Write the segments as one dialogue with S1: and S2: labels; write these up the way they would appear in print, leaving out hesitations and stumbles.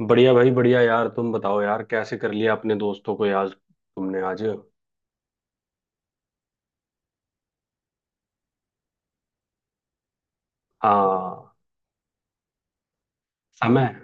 S1: बढ़िया भाई, बढ़िया यार। तुम बताओ यार, कैसे कर लिया अपने दोस्तों को यार तुमने आज। हाँ। समय।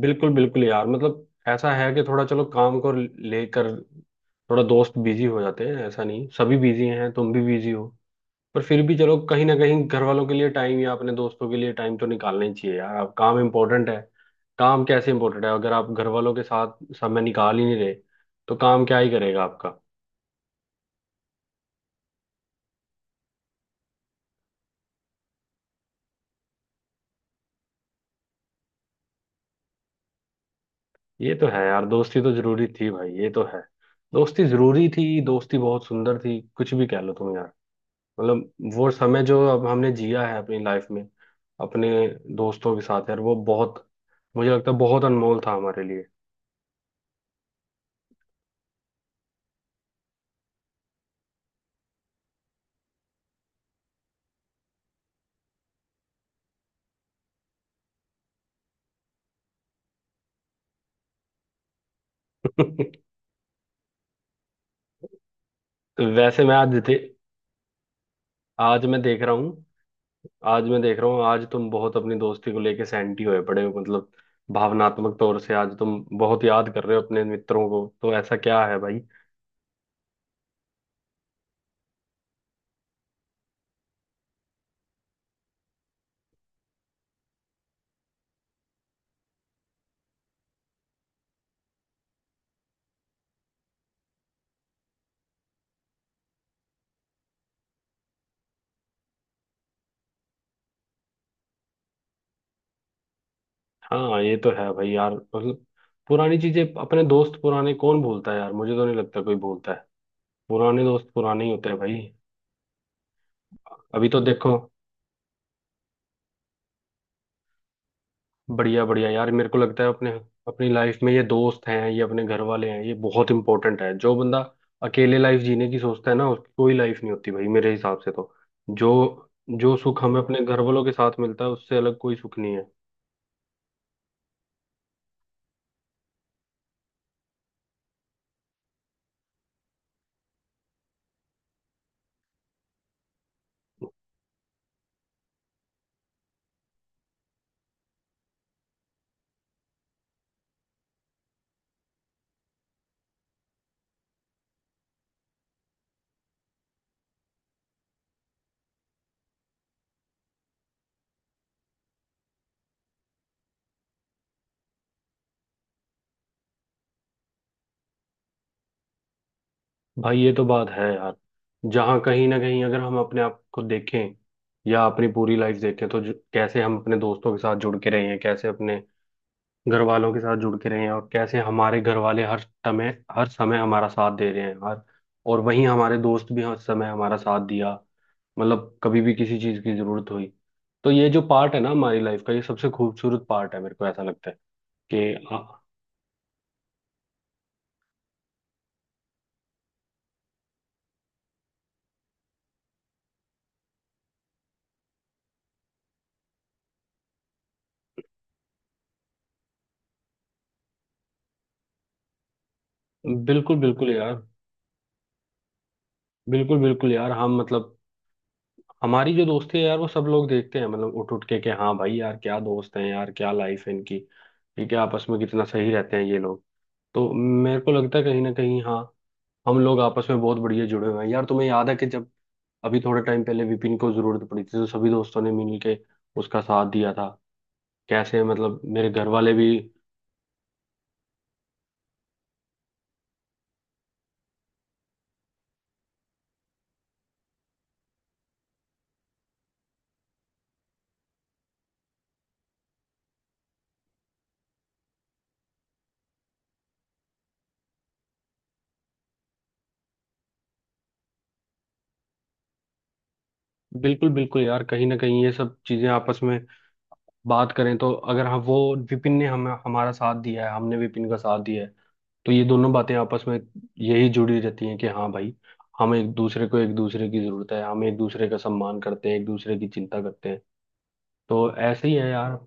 S1: बिल्कुल बिल्कुल यार, मतलब ऐसा है कि थोड़ा चलो, काम को लेकर थोड़ा दोस्त बिजी हो जाते हैं। ऐसा नहीं सभी बिजी हैं, तुम भी बिजी हो। पर फिर भी चलो, कहीं ना कहीं घर वालों के लिए टाइम या अपने दोस्तों के लिए टाइम तो निकालना ही चाहिए यार। अब काम इम्पोर्टेंट है, काम कैसे इम्पोर्टेंट है अगर आप घर वालों के साथ समय निकाल ही नहीं रहे तो काम क्या ही करेगा आपका। ये तो है यार, दोस्ती तो जरूरी थी भाई, ये तो है। दोस्ती जरूरी थी, दोस्ती बहुत सुंदर थी, कुछ भी कह लो तुम यार। मतलब वो समय जो अब हमने जिया है अपनी लाइफ में अपने दोस्तों के साथ यार, वो बहुत, मुझे लगता है बहुत अनमोल था हमारे लिए। तो वैसे मैं आज आज मैं देख रहा हूँ। आज मैं देख रहा हूँ, आज तुम बहुत अपनी दोस्ती को लेके सैंटी होए पड़े हो, मतलब भावनात्मक तौर से आज तुम बहुत याद कर रहे हो अपने मित्रों को। तो ऐसा क्या है भाई। हाँ ये तो है भाई यार, मतलब पुरानी चीजें, अपने दोस्त पुराने कौन भूलता है यार, मुझे तो नहीं लगता कोई भूलता है। पुराने दोस्त पुराने ही होते हैं भाई। अभी तो देखो, बढ़िया बढ़िया यार। मेरे को लगता है अपने, अपनी लाइफ में ये दोस्त हैं, ये अपने घर वाले हैं, ये बहुत इंपॉर्टेंट है। जो बंदा अकेले लाइफ जीने की सोचता है ना, उसकी कोई लाइफ नहीं होती भाई मेरे हिसाब से तो। जो, जो सुख हमें अपने घर वालों के साथ मिलता है उससे अलग कोई सुख नहीं है। भाई ये तो बात है यार, जहाँ कहीं ना कहीं अगर हम अपने आप को देखें या अपनी पूरी लाइफ देखें तो कैसे हम अपने दोस्तों के साथ जुड़ के रहे हैं, कैसे अपने घर वालों के साथ जुड़ के रहे हैं, और कैसे हमारे घर वाले हर समय, हर समय हमारा साथ दे रहे हैं, हर, और वहीं हमारे दोस्त भी हर समय हमारा साथ दिया। मतलब कभी भी किसी चीज़ की जरूरत हुई, तो ये जो पार्ट है ना हमारी लाइफ का, ये सबसे खूबसूरत पार्ट है मेरे को ऐसा लगता है कि। आ, बिल्कुल बिल्कुल यार। बिल्कुल बिल्कुल यार, हम मतलब हमारी जो दोस्ती है यार, वो सब लोग देखते हैं, मतलब उठ उठ के कि हाँ भाई यार, क्या दोस्त हैं यार, क्या लाइफ है इनकी, ठीक है आपस में कितना सही रहते हैं ये लोग। तो मेरे को लगता है कहीं ना कहीं हाँ, हम लोग आपस में बहुत बढ़िया जुड़े हुए हैं यार। तुम्हें याद है कि जब अभी थोड़े टाइम पहले विपिन को जरूरत पड़ी थी, तो सभी दोस्तों ने मिल के उसका साथ दिया था। कैसे मतलब मेरे घर वाले भी। बिल्कुल बिल्कुल यार, कहीं ना कहीं ये सब चीजें आपस में बात करें तो अगर हम वो, विपिन ने हमें हमारा साथ दिया है, हमने विपिन का साथ दिया है, तो ये दोनों बातें आपस में यही जुड़ी रहती हैं कि हाँ भाई, हम एक दूसरे को, एक दूसरे की जरूरत है, हम एक दूसरे का सम्मान करते हैं, एक दूसरे की चिंता करते हैं। तो ऐसे ही है यार।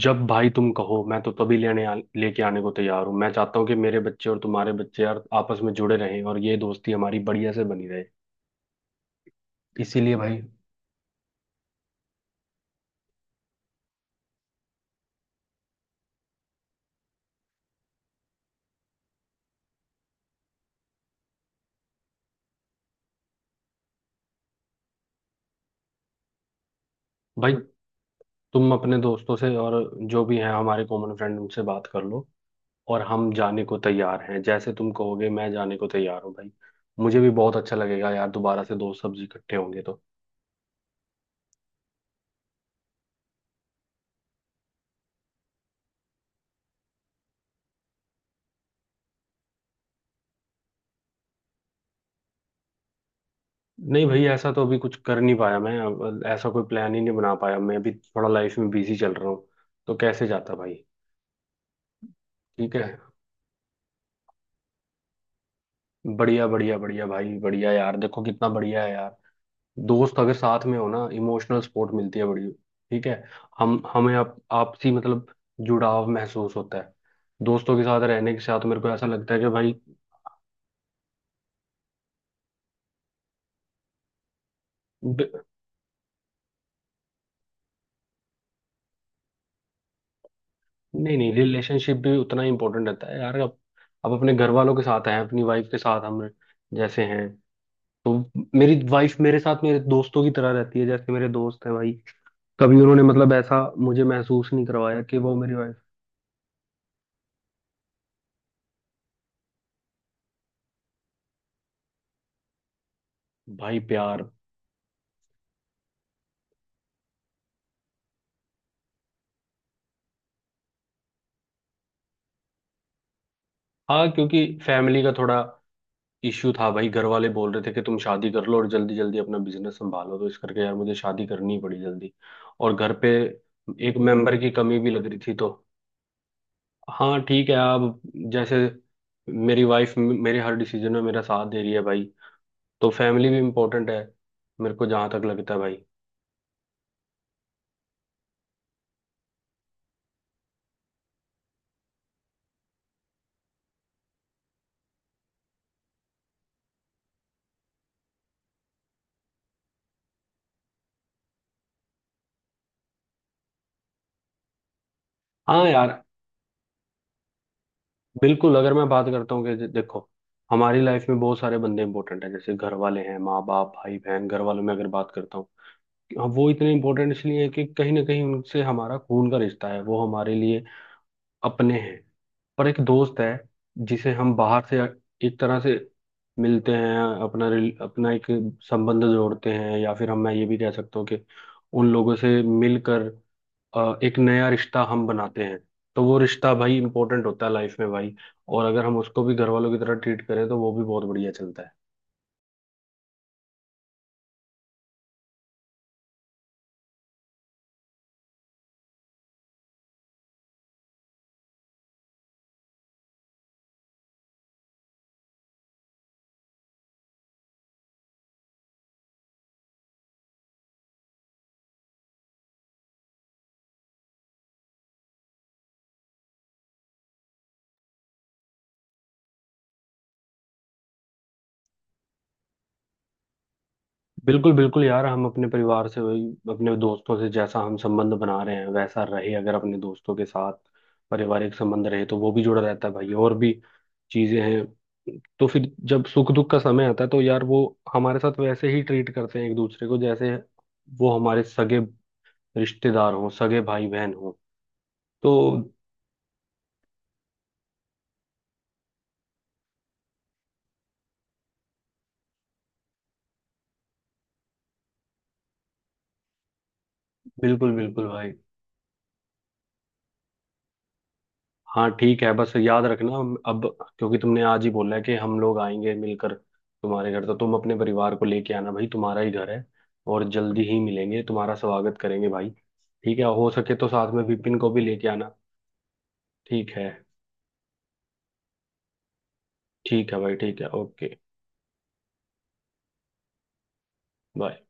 S1: जब भाई तुम कहो, मैं तो तभी लेने लेके आने को तैयार हूँ। मैं चाहता हूँ कि मेरे बच्चे और तुम्हारे बच्चे यार आपस में जुड़े रहें, और ये दोस्ती हमारी बढ़िया से बनी रहे, इसीलिए भाई। भाई, तुम अपने दोस्तों से और जो भी हैं हमारे कॉमन फ्रेंड, उनसे बात कर लो, और हम जाने को तैयार हैं। जैसे तुम कहोगे, मैं जाने को तैयार हूँ भाई। मुझे भी बहुत अच्छा लगेगा यार, दोबारा से दोस्त सब्जी इकट्ठे होंगे तो। नहीं भाई, ऐसा तो अभी कुछ कर नहीं पाया मैं, अब ऐसा कोई प्लान ही नहीं बना पाया मैं, अभी थोड़ा लाइफ में बिजी चल रहा हूँ तो कैसे जाता भाई। ठीक है। बढ़िया बढ़िया बढ़िया भाई, बढ़िया यार। देखो कितना बढ़िया है यार, दोस्त अगर साथ में हो ना, इमोशनल सपोर्ट मिलती है बड़ी। ठीक है। हम, हमें आप, आपसी मतलब जुड़ाव महसूस होता है दोस्तों के साथ रहने के साथ, मेरे को ऐसा लगता है कि भाई। नहीं नहीं, रिलेशनशिप भी उतना ही इम्पोर्टेंट रहता है यार। अब अपने घर वालों के साथ हैं, अपनी वाइफ के साथ हम जैसे हैं, तो मेरी वाइफ मेरे साथ मेरे दोस्तों की तरह रहती है, जैसे मेरे दोस्त हैं भाई। कभी उन्होंने मतलब ऐसा मुझे महसूस नहीं करवाया कि वो मेरी वाइफ। भाई प्यार। हाँ क्योंकि फैमिली का थोड़ा इश्यू था भाई, घर वाले बोल रहे थे कि तुम शादी कर लो और जल्दी जल्दी अपना बिजनेस संभालो, तो इस करके यार मुझे शादी करनी ही पड़ी जल्दी। और घर पे एक मेंबर की कमी भी लग रही थी तो। हाँ ठीक है आप, जैसे मेरी वाइफ मेरे हर डिसीजन में मेरा साथ दे रही है भाई, तो फैमिली भी इम्पोर्टेंट है मेरे को जहाँ तक लगता है भाई। हाँ यार बिल्कुल। अगर मैं बात करता हूँ कि देखो, हमारी लाइफ में बहुत सारे बंदे इंपॉर्टेंट हैं। जैसे घर वाले हैं, माँ बाप भाई बहन, घर वालों में अगर बात करता हूँ कि वो इतने इंपॉर्टेंट इसलिए है कि कहीं ना कहीं उनसे हमारा खून का रिश्ता है, वो हमारे लिए अपने हैं। पर एक दोस्त है जिसे हम बाहर से एक तरह से मिलते हैं, अपना अपना एक संबंध जोड़ते हैं, या फिर हम, मैं ये भी कह सकता हूँ कि उन लोगों से मिलकर एक नया रिश्ता हम बनाते हैं। तो वो रिश्ता भाई इंपॉर्टेंट होता है लाइफ में भाई, और अगर हम उसको भी घर वालों की तरह ट्रीट करें तो वो भी बहुत बढ़िया चलता है। बिल्कुल बिल्कुल यार, हम अपने परिवार से वही, अपने दोस्तों से जैसा हम संबंध बना रहे हैं वैसा रहे। अगर अपने दोस्तों के साथ पारिवारिक संबंध रहे तो वो भी जुड़ा रहता है भाई, और भी चीजें हैं। तो फिर जब सुख दुख का समय आता है तो यार वो हमारे साथ वैसे ही ट्रीट करते हैं एक दूसरे को, जैसे वो हमारे सगे रिश्तेदार हों, सगे भाई बहन हों तो। बिल्कुल बिल्कुल भाई। हाँ ठीक है, बस याद रखना, अब क्योंकि तुमने आज ही बोला है कि हम लोग आएंगे मिलकर तुम्हारे घर, तो तुम अपने परिवार को लेके आना भाई, तुम्हारा ही घर है। और जल्दी ही मिलेंगे, तुम्हारा स्वागत करेंगे भाई। ठीक है, हो सके तो साथ में विपिन को भी लेके आना। ठीक है ठीक है भाई, ठीक है ओके। बाय।